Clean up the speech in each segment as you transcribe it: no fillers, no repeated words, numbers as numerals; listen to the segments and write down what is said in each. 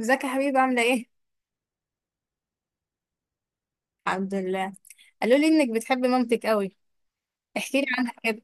ازيك يا حبيبي؟ عاملة ايه؟ الحمد لله. قالوا لي انك بتحب مامتك قوي، احكي لي عنها كده.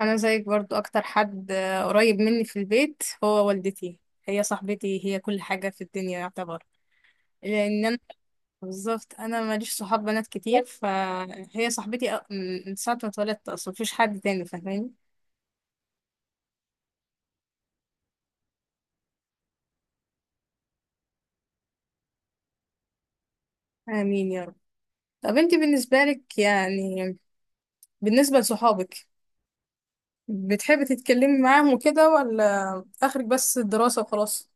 انا زيك برضو، اكتر حد قريب مني في البيت هو والدتي. هي صاحبتي، هي كل حاجة في الدنيا يعتبر، لان انا بالظبط، انا ماليش صحاب بنات كتير فهي صاحبتي من ساعة ما اتولدت اصلا مفيش حد تاني فاهماني. امين يا رب. طب انت بالنسبة لك يعني، بالنسبة لصحابك، بتحبي تتكلمي معاهم وكده ولا اخرك بس الدراسة وخلاص؟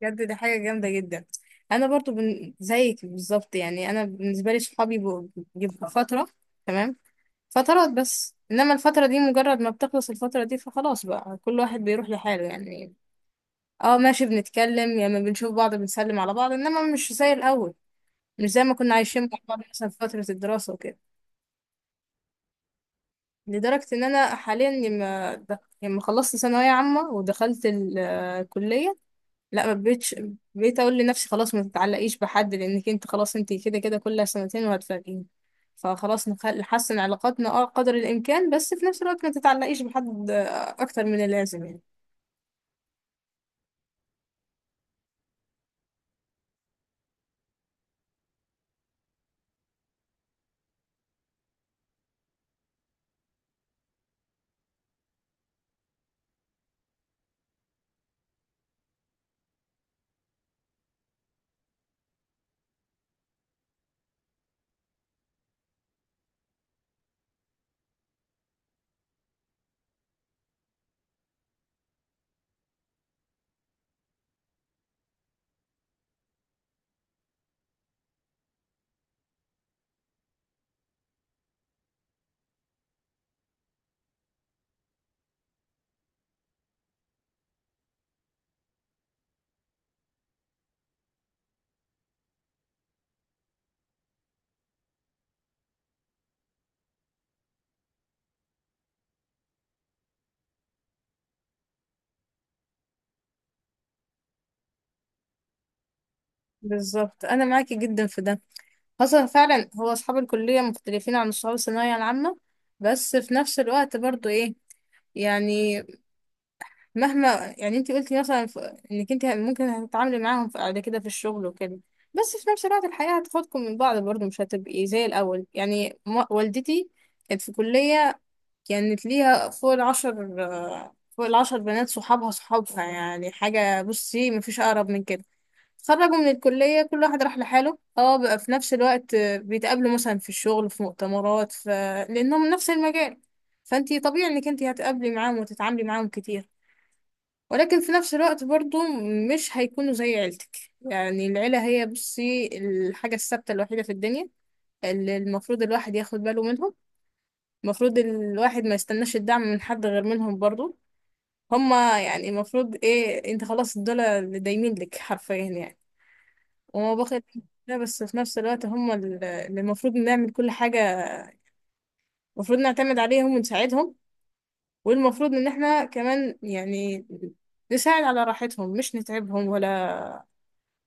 بجد دي حاجة جامدة جدا. أنا برضو زيك بالظبط. يعني أنا بالنسبة لي صحابي بيبقوا فترة، تمام، فترات بس، إنما الفترة دي مجرد ما بتخلص الفترة دي فخلاص بقى كل واحد بيروح لحاله يعني. اه ماشي، بنتكلم يا يعني بنشوف بعض، بنسلم على بعض، إنما مش زي الأول، مش زي ما كنا عايشين مع بعض مثلا في فترة الدراسة وكده. لدرجة إن أنا حاليا لما خلصت ثانوية عامة ودخلت الكلية، لا ما بقتش، بقيت اقول لنفسي خلاص ما تتعلقيش بحد لانك انت خلاص، انت كده كده كل سنتين وهتفرقين. فخلاص نحسن علاقاتنا اه قدر الامكان، بس في نفس الوقت ما تتعلقيش بحد اكتر من اللازم يعني. بالظبط انا معاكي جدا في ده، خاصة فعلا هو اصحاب الكلية مختلفين عن اصحاب الثانوية العامة، بس في نفس الوقت برضو ايه يعني، مهما يعني انت قلتي مثلا انك انت ممكن هتتعاملي معاهم بعد كده في الشغل وكده، بس في نفس الوقت الحياة هتاخدكم من بعض برضه، مش هتبقي زي الأول يعني والدتي كانت في كلية، كانت ليها فوق العشر بنات صحابها، صحابها يعني حاجة، بصي مفيش أقرب من كده. خرجوا من الكلية كل واحد راح لحاله، اه بقى في نفس الوقت بيتقابلوا مثلا في الشغل في مؤتمرات لأنهم نفس المجال، فانتي طبيعي انك انتي هتقابلي معاهم وتتعاملي معاهم كتير، ولكن في نفس الوقت برضو مش هيكونوا زي عيلتك يعني. العيلة هي بصي الحاجة الثابتة الوحيدة في الدنيا، اللي المفروض الواحد ياخد باله منهم. المفروض الواحد ما يستناش الدعم من حد غير منهم برضو. هما يعني المفروض ايه، انت خلاص دول اللي دايمين لك حرفيا يعني. وما باخد، لا بس في نفس الوقت هما اللي اللي المفروض نعمل كل حاجة، المفروض نعتمد عليهم ونساعدهم، والمفروض ان احنا كمان يعني نساعد على راحتهم، مش نتعبهم ولا،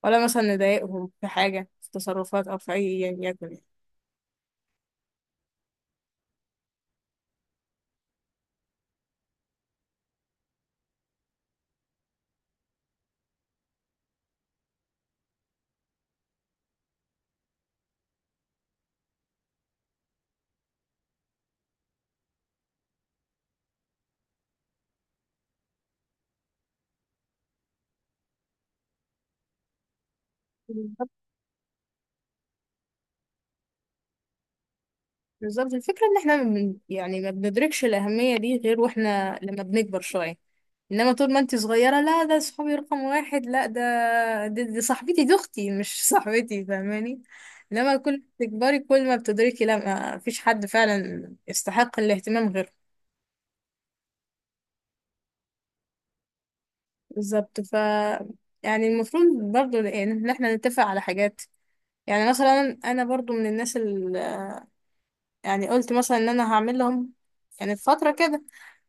ولا مثلا نضايقهم في حاجة في تصرفات أو في أي يعني يكن يعني. بالظبط. بالظبط. الفكرة إن إحنا من يعني ما بندركش الأهمية دي غير وإحنا لما بنكبر شوية، إنما طول ما أنت صغيرة لا ده صحابي رقم واحد، لا ده دي صاحبتي، دي أختي مش صاحبتي فاهماني. لما كل ما تكبري كل ما بتدركي لا، ما فيش حد فعلا يستحق الاهتمام غيره. بالظبط ف، يعني المفروض برضو إن إحنا نتفق على حاجات. يعني مثلا انا برضو من الناس، يعني قلت مثلا ان انا هعمل لهم يعني في فترة كده،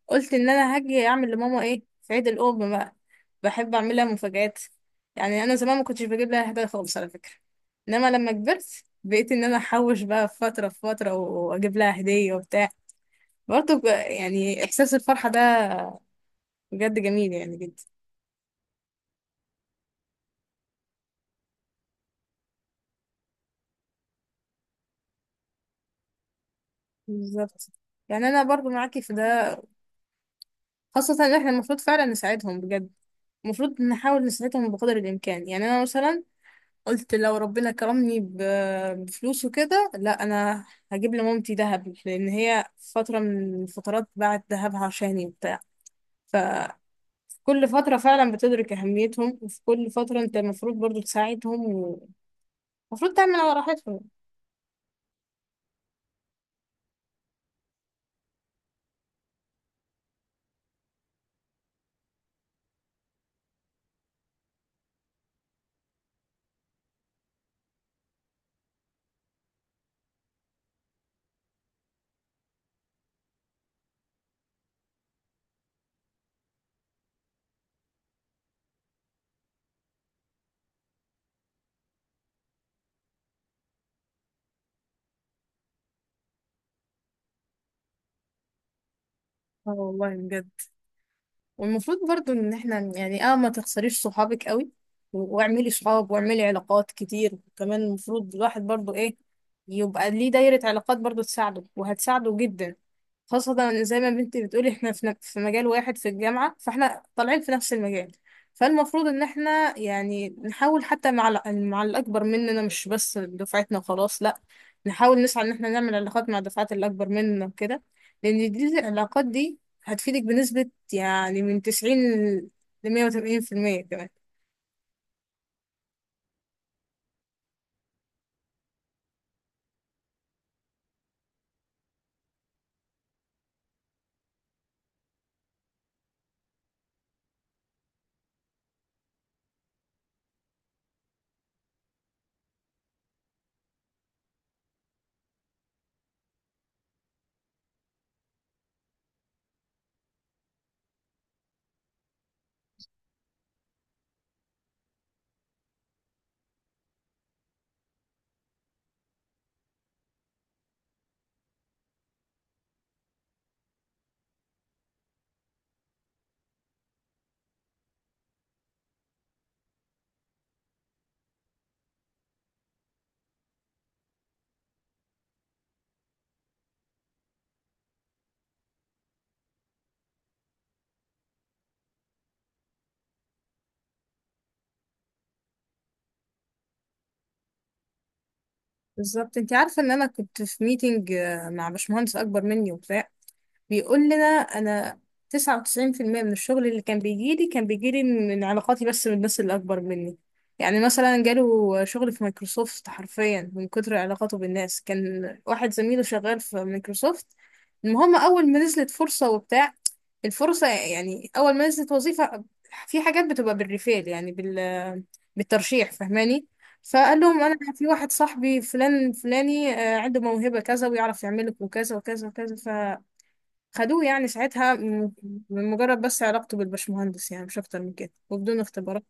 قلت ان انا هاجي اعمل لماما ايه في عيد الام بقى. بحب اعمل لها مفاجآت. يعني انا زمان ما كنتش بجيب لها هدايا خالص على فكرة، انما لما كبرت بقيت ان انا احوش بقى في فترة و- واجيب لها هدية وبتاع، برضه يعني احساس الفرحة ده بجد جميل يعني جدا. بالظبط يعني انا برضو معاكي في ده، خاصة ان احنا المفروض فعلا نساعدهم بجد. المفروض نحاول نساعدهم بقدر الامكان. يعني انا مثلا قلت لو ربنا كرمني بفلوس وكده لا انا هجيب لمامتي دهب، لان هي فتره من الفترات باعت دهبها عشاني وبتاع. ففي كل فتره فعلا بتدرك اهميتهم، وفي كل فتره انت المفروض برضو تساعدهم، ومفروض تعمل على راحتهم. اه والله بجد، والمفروض برضو ان احنا يعني اه ما تخسريش صحابك قوي، و- واعملي صحاب واعملي علاقات كتير. كمان المفروض الواحد برضو ايه، يبقى ليه دايرة علاقات برضو تساعده وهتساعده جدا، خاصة إن زي ما بنتي بتقولي احنا في في مجال واحد في الجامعة، فاحنا طالعين في نفس المجال، فالمفروض ان احنا يعني نحاول حتى مع مع الاكبر مننا، مش بس دفعتنا وخلاص لا، نحاول نسعى ان احنا نعمل علاقات مع الدفعات الاكبر مننا وكده، لان دي العلاقات دي هتفيدك بنسبة يعني من 90 ل 180% كمان. بالظبط. انت عارفة ان انا كنت في ميتنج مع باشمهندس اكبر مني وبتاع، بيقول لنا انا 99% من الشغل اللي كان بيجيلي من علاقاتي، بس من الناس اللي اكبر مني. يعني مثلا جاله شغل في مايكروسوفت حرفيا من كتر علاقاته بالناس، كان واحد زميله شغال في مايكروسوفت. المهم اول ما نزلت فرصة وبتاع، الفرصة يعني اول ما نزلت وظيفة، في حاجات بتبقى بالريفيل يعني بالترشيح فاهماني، فقال لهم انا في واحد صاحبي فلان فلاني عنده موهبة كذا ويعرف يعمل لكم كذا وكذا وكذا، خدوه يعني. ساعتها من مجرد بس علاقته بالبشمهندس يعني مش اكتر من كده وبدون اختبارات.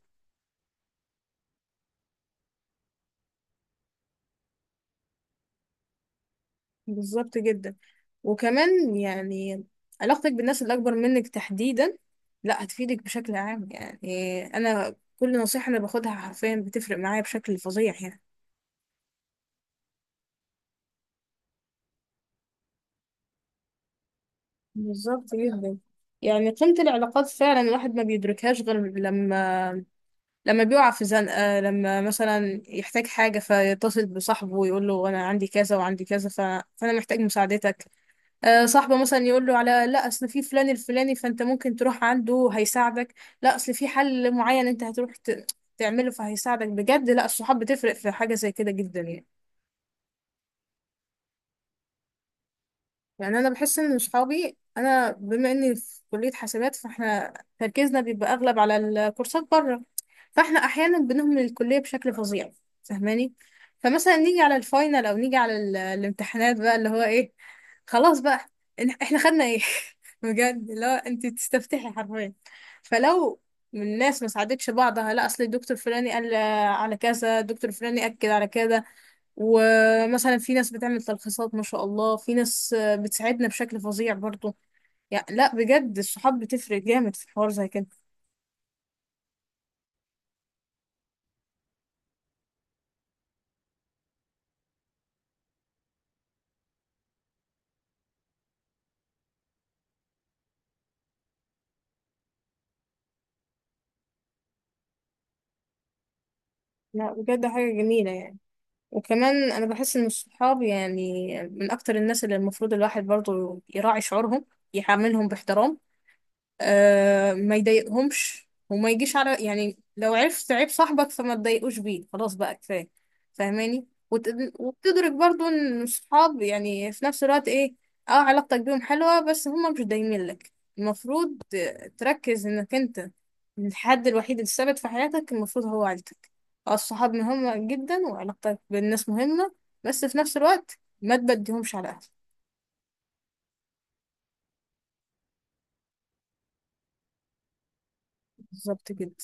بالظبط جدا. وكمان يعني علاقتك بالناس اللي اكبر منك تحديدا، لا هتفيدك بشكل عام. يعني انا كل نصيحة انا باخدها حرفيا بتفرق معايا بشكل فظيع يعني. بالظبط جدا. يعني قيمة العلاقات فعلا الواحد ما بيدركهاش غير لما، بيقع في زنقة، لما مثلا يحتاج حاجة فيتصل بصاحبه ويقول له أنا عندي كذا وعندي كذا فأنا محتاج مساعدتك. صاحبه مثلا يقول له على لا اصل في فلان الفلاني فانت ممكن تروح عنده هيساعدك، لا اصل في حل معين انت هتروح تعمله فهيساعدك بجد. لا الصحاب بتفرق في حاجه زي كده جدا يعني. يعني انا بحس ان صحابي، انا بما اني في كليه حسابات فاحنا تركيزنا بيبقى اغلب على الكورسات بره، فاحنا احيانا بنهمل الكليه بشكل فظيع فاهماني. فمثلا نيجي على الفاينل او نيجي على الامتحانات بقى اللي هو ايه، خلاص بقى احنا خدنا ايه بجد، اللي هو انت تستفتحي حرفيا. فلو من الناس ما ساعدتش بعضها، لا اصل الدكتور فلاني قال على كذا، الدكتور فلاني اكد على كذا، ومثلا في ناس بتعمل تلخيصات ما شاء الله، في ناس بتساعدنا بشكل فظيع برضو. يعني لا بجد الصحاب بتفرق جامد في حوار زي كده. لا بجد حاجة جميلة يعني. وكمان انا بحس ان الصحاب يعني من اكتر الناس اللي المفروض الواحد برضو يراعي شعورهم، يعاملهم باحترام، آه ما يضايقهمش، وما يجيش على يعني، لو عرفت عيب صاحبك فما تضايقوش بيه، خلاص بقى كفايه فاهماني وبتدرك برضو ان الصحاب يعني في نفس الوقت ايه، اه علاقتك بيهم حلوه بس هما مش دايمين لك، المفروض تركز انك انت الحد الوحيد الثابت في حياتك المفروض هو عيلتك. اه الصحاب مهمة جدا وعلاقتك بالناس مهمة، بس في نفس الوقت ما تبديهمش على أهلك. بالظبط كده.